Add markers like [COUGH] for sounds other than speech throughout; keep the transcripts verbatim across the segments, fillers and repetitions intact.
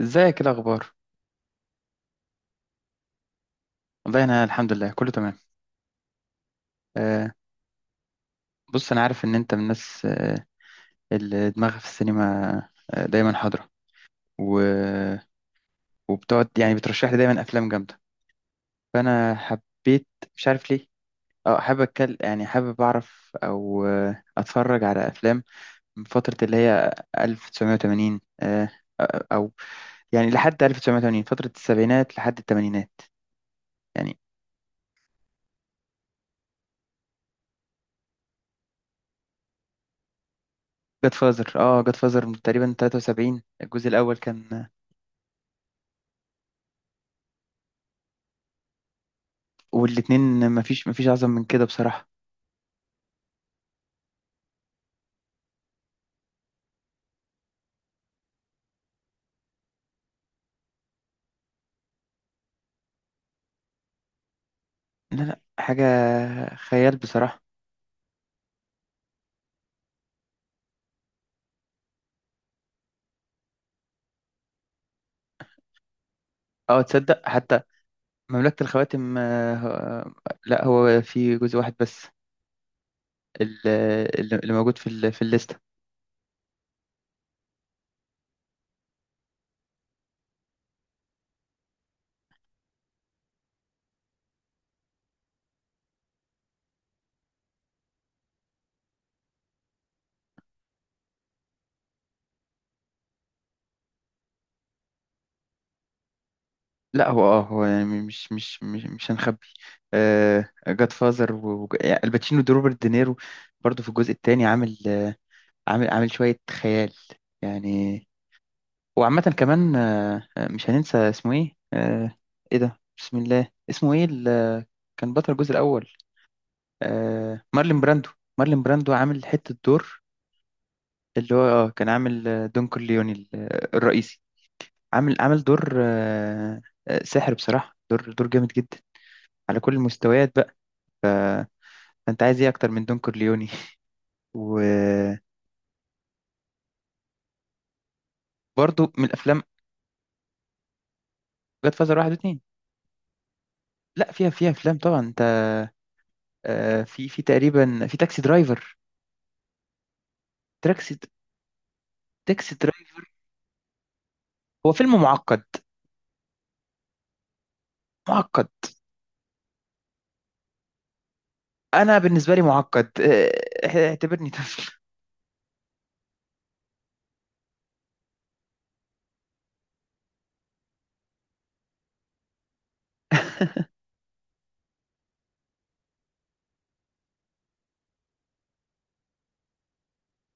ازيك؟ ايه الاخبار؟ والله انا الحمد لله كله تمام. آه بص، انا عارف ان انت من الناس آه اللي دماغها في السينما، آه دايما حاضره و... وبتقعد يعني بترشح لي دايما افلام جامده، فانا حبيت. مش عارف ليه. اه حابب اتكلم، يعني حابب اعرف او آه اتفرج على افلام من فتره اللي هي ألف وتسعمية وتمانين، آه او يعني لحد ألف وتسعمية وتمانين، فتره السبعينات لحد الثمانينات يعني. جاد فازر، اه جاد فازر تقريبا تلاتة وسبعين الجزء الاول كان. والاتنين مفيش، مفيش أعظم من كده بصراحة. لا لا، حاجة خيال بصراحة. اه تصدق حتى مملكة الخواتم، آه، آه، لا هو في جزء واحد بس ال- اللي اللي موجود في ال- في الليستة. لا هو اه هو يعني مش مش مش مش هنخبي. جاد فازر والباتشينو ده روبرت دينيرو برضو في الجزء الثاني عامل، آه، عامل عامل شوية خيال يعني. وعامة كمان، آه، آه، مش هننسى اسمه ايه، آه، ايه ده؟ بسم الله، اسمه ايه اللي كان بطل الجزء الأول؟ آه، مارلين براندو. مارلين براندو عامل حتة دور، اللي هو آه، كان عامل آه، دون كورليوني ال- آه، الرئيسي. عامل عامل دور، آه، آه، ساحر بصراحة، دور دور جامد جدا على كل المستويات بقى. ف- فانت عايز ايه اكتر من دون كورليوني؟ [LAUGHS] وبرضو من الافلام جاد فازر واحد واتنين. لا، فيها فيها افلام طبعا انت، آه، في في تقريبا في تاكسي درايفر. تاكسي درايفر هو فيلم معقد. معقد، انا بالنسبه لي معقد، آه، اعتبرني طفل.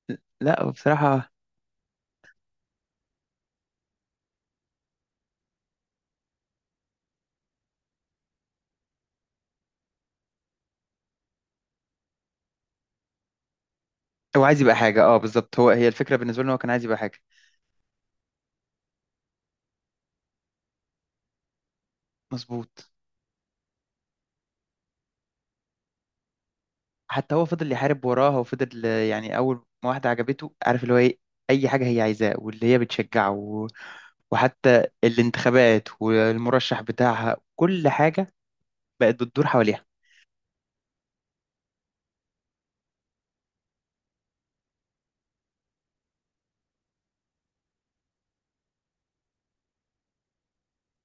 [LAUGHS] لا هو بصراحه هو عايز يبقى حاجه. اه بالظبط، هو هي الفكره بالنسبه له، هو كان عايز يبقى حاجه. مظبوط. حتى هو فضل يحارب وراها وفضل، آه، يعني اول ما واحده عجبته عارف اللي هو ايه، اي حاجه هي عايزاه واللي هي بتشجعه و- وحتى الانتخابات والمرشح بتاعها، كل حاجه بقت بتدور حواليها.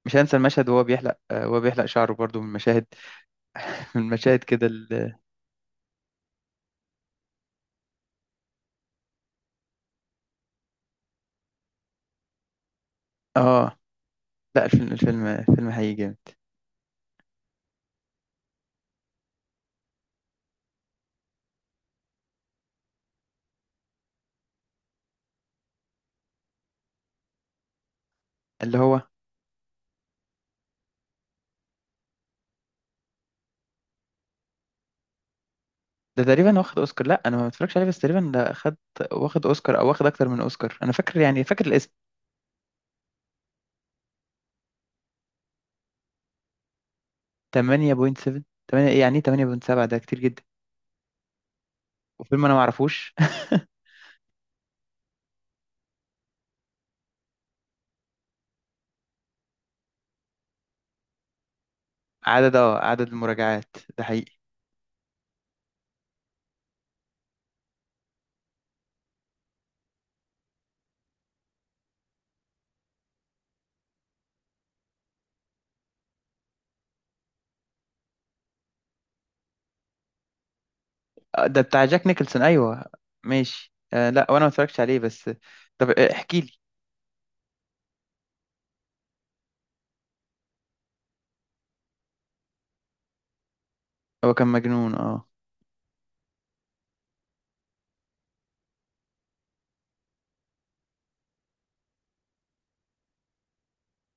مش هنسى المشهد وهو بيحلق، آه، وهو بيحلق شعره برضو من مشاهد. [LAUGHS] من مشاهد كده ال- اه. لا الفيلم، الفيلم الفيلم حقيقي جامد. اللي هو ده تقريبا واخد اوسكار. لا انا ما بتفرجش عليه بس تقريبا ده خد واخد اوسكار او واخد اكتر من اوسكار، انا فاكر، يعني فاكر الاسم. تمانية فاصلة سبعة؟ تمانية ايه يعني؟ إيه تمانية فاصلة سبعة ده، كتير جدا. وفيلم انا ما اعرفوش. [LAUGHS] عدد، اه عدد المراجعات ده حقيقي. آه، ده بتاع جاك نيكلسون، ايوه. ماشي، آه لا وانا ما اتفرجتش عليه بس. طب آه، احكي لي. هو كان مجنون، اه.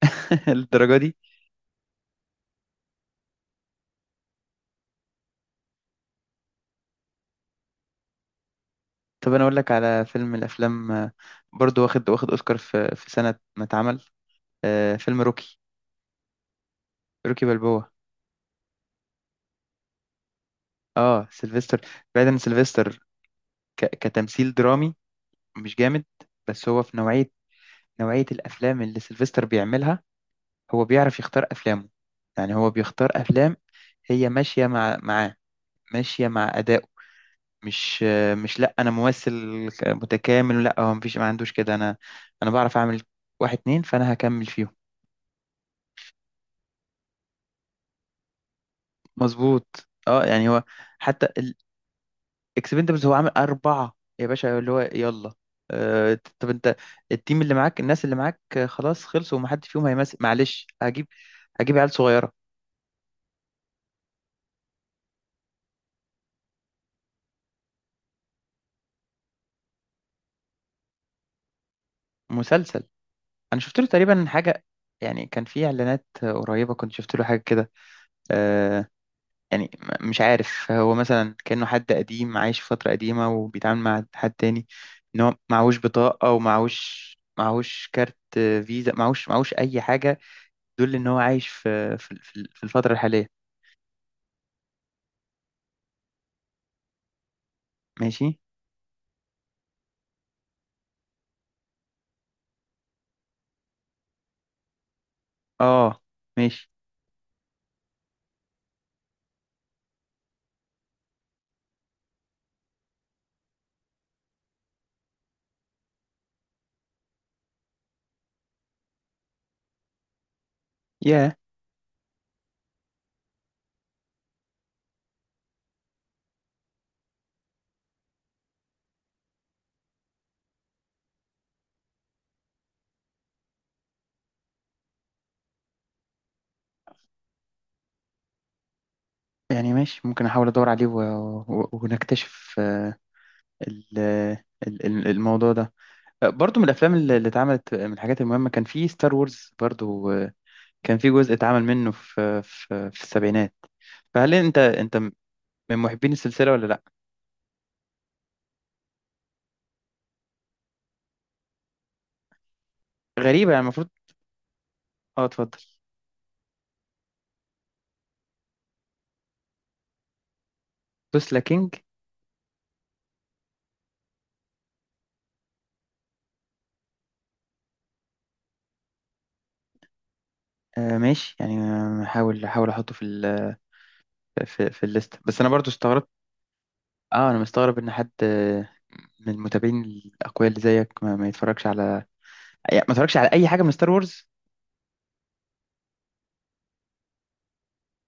[LAUGHS] للدرجه دي؟ طب انا اقول لك على فيلم من الافلام، آه، برضو واخد، واخد اوسكار في في سنه ما اتعمل، آه فيلم روكي. روكي بالبو. اه سيلفستر. بعيدا عن سيلفستر، ك... كتمثيل درامي مش جامد، بس هو في نوعية، نوعية الأفلام اللي سيلفستر بيعملها. هو بيعرف يختار أفلامه، يعني هو بيختار أفلام هي ماشية مع معاه، ماشية مع أدائه. مش، مش لا أنا ممثل ك- متكامل، لا هو مفيش، ما عندوش كده. أنا، أنا بعرف أعمل واحد اتنين فأنا هكمل فيهم. مظبوط. اه يعني هو، حتى اكسبندبلز هو عامل أربعة يا باشا، اللي هو يلا، آه، طب انت التيم اللي معاك، الناس اللي معاك، آه، خلاص خلصوا ومحدش فيهم هيمثل، معلش هجيب، هجيب عيال صغيرة. مسلسل، انا شفت له تقريبا حاجة. يعني كان في اعلانات، آه، قريبة كنت شفت له حاجة كده، آه، يعني م- مش عارف، هو مثلا كأنه حد قديم عايش في فترة قديمة وبيتعامل مع حد تاني. ان هو معهوش بطاقة، ومعهوش، معهوش كارت، آه، فيزا، معهوش، معهوش اي حاجة تدل ان هو عايش في، في في الفترة الحالية. ماشي. اه ماشي. يا يعني ماشي، ممكن احاول ادور عليه و... و... ونكتشف، آه، ال... ال- ال- الموضوع ده. آه، برضو من الافلام اللي اللي اتعملت، آه، من الحاجات المهمة كان في ستار وورز برضو، آه، كان في جزء اتعمل منه في في, في السبعينات. فهل انت انت من محبين السلسلة ولا لا؟ غريبة، يعني المفروض. اه اتفضل. توسلا كينج. آه ماشي، يعني آه، هحاول هحاول احطه في ال... في, في الليست. بس انا برضو استغربت. اه انا مستغرب ان حد، آه، من المتابعين الاقوياء اللي زيك ما, ما يتفرجش على، يعني ما يتفرجش على اي حاجه من ستار وورز.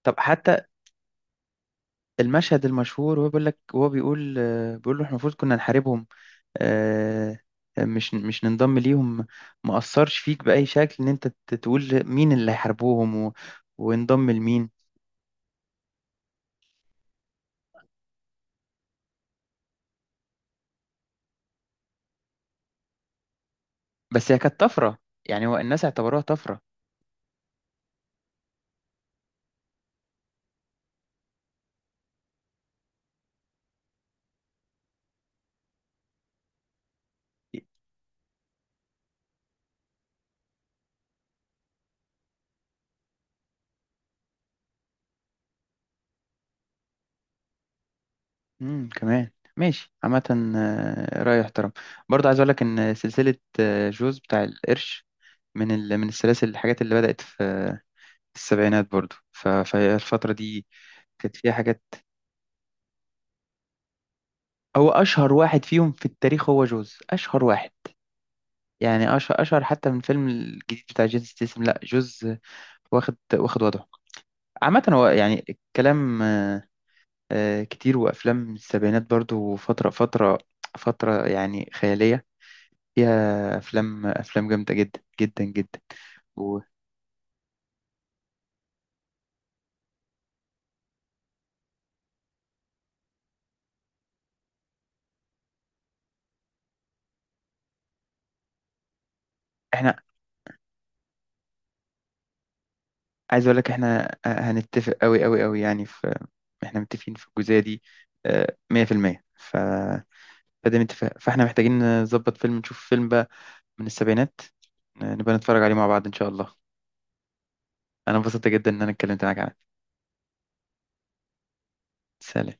طب حتى المشهد المشهور وهو بيقول لك، وهو بيقول، آه، بيقول له احنا المفروض كنا نحاربهم، آه، مش مش ننضم ليهم. ما اثرش فيك باي شكل ان انت ت- تقول مين اللي هيحاربوهم و... وانضم لمين؟ بس هي كانت طفره، يعني هو الناس اعتبروها طفره. امم كمان ماشي، عامة، آه، رأي احترم. برضه عايز اقول لك ان سلسلة، آه، جوز بتاع القرش، من ال... من السلاسل، الحاجات اللي بدأت في، آه، السبعينات برضه، ف... فهي الفترة دي كانت فيها حاجات. هو اشهر واحد فيهم في التاريخ هو جوز، اشهر واحد يعني، اشهر اشهر حتى من الفيلم الجديد بتاع جيسون ستيسم. لا جوز، آه، واخد واخد وضعه. عامة هو يعني الكلام، آه، آه، كتير. وأفلام السبعينات برضو فترة، فترة فترة يعني خيالية، فيها افلام، افلام جامده جدا جدا جدا. واحنا عايز اقول لك، احنا آه، هنتفق قوي قوي قوي يعني في، احنا متفقين في الجزئيه دي، آه، مية في المية. ف فده متفق، فاحنا محتاجين نظبط فيلم، نشوف فيلم بقى من السبعينات، آه، نبقى نتفرج عليه مع بعض ان شاء الله. انا انبسطت جدا ان انا اتكلمت معاك عنه. سلام.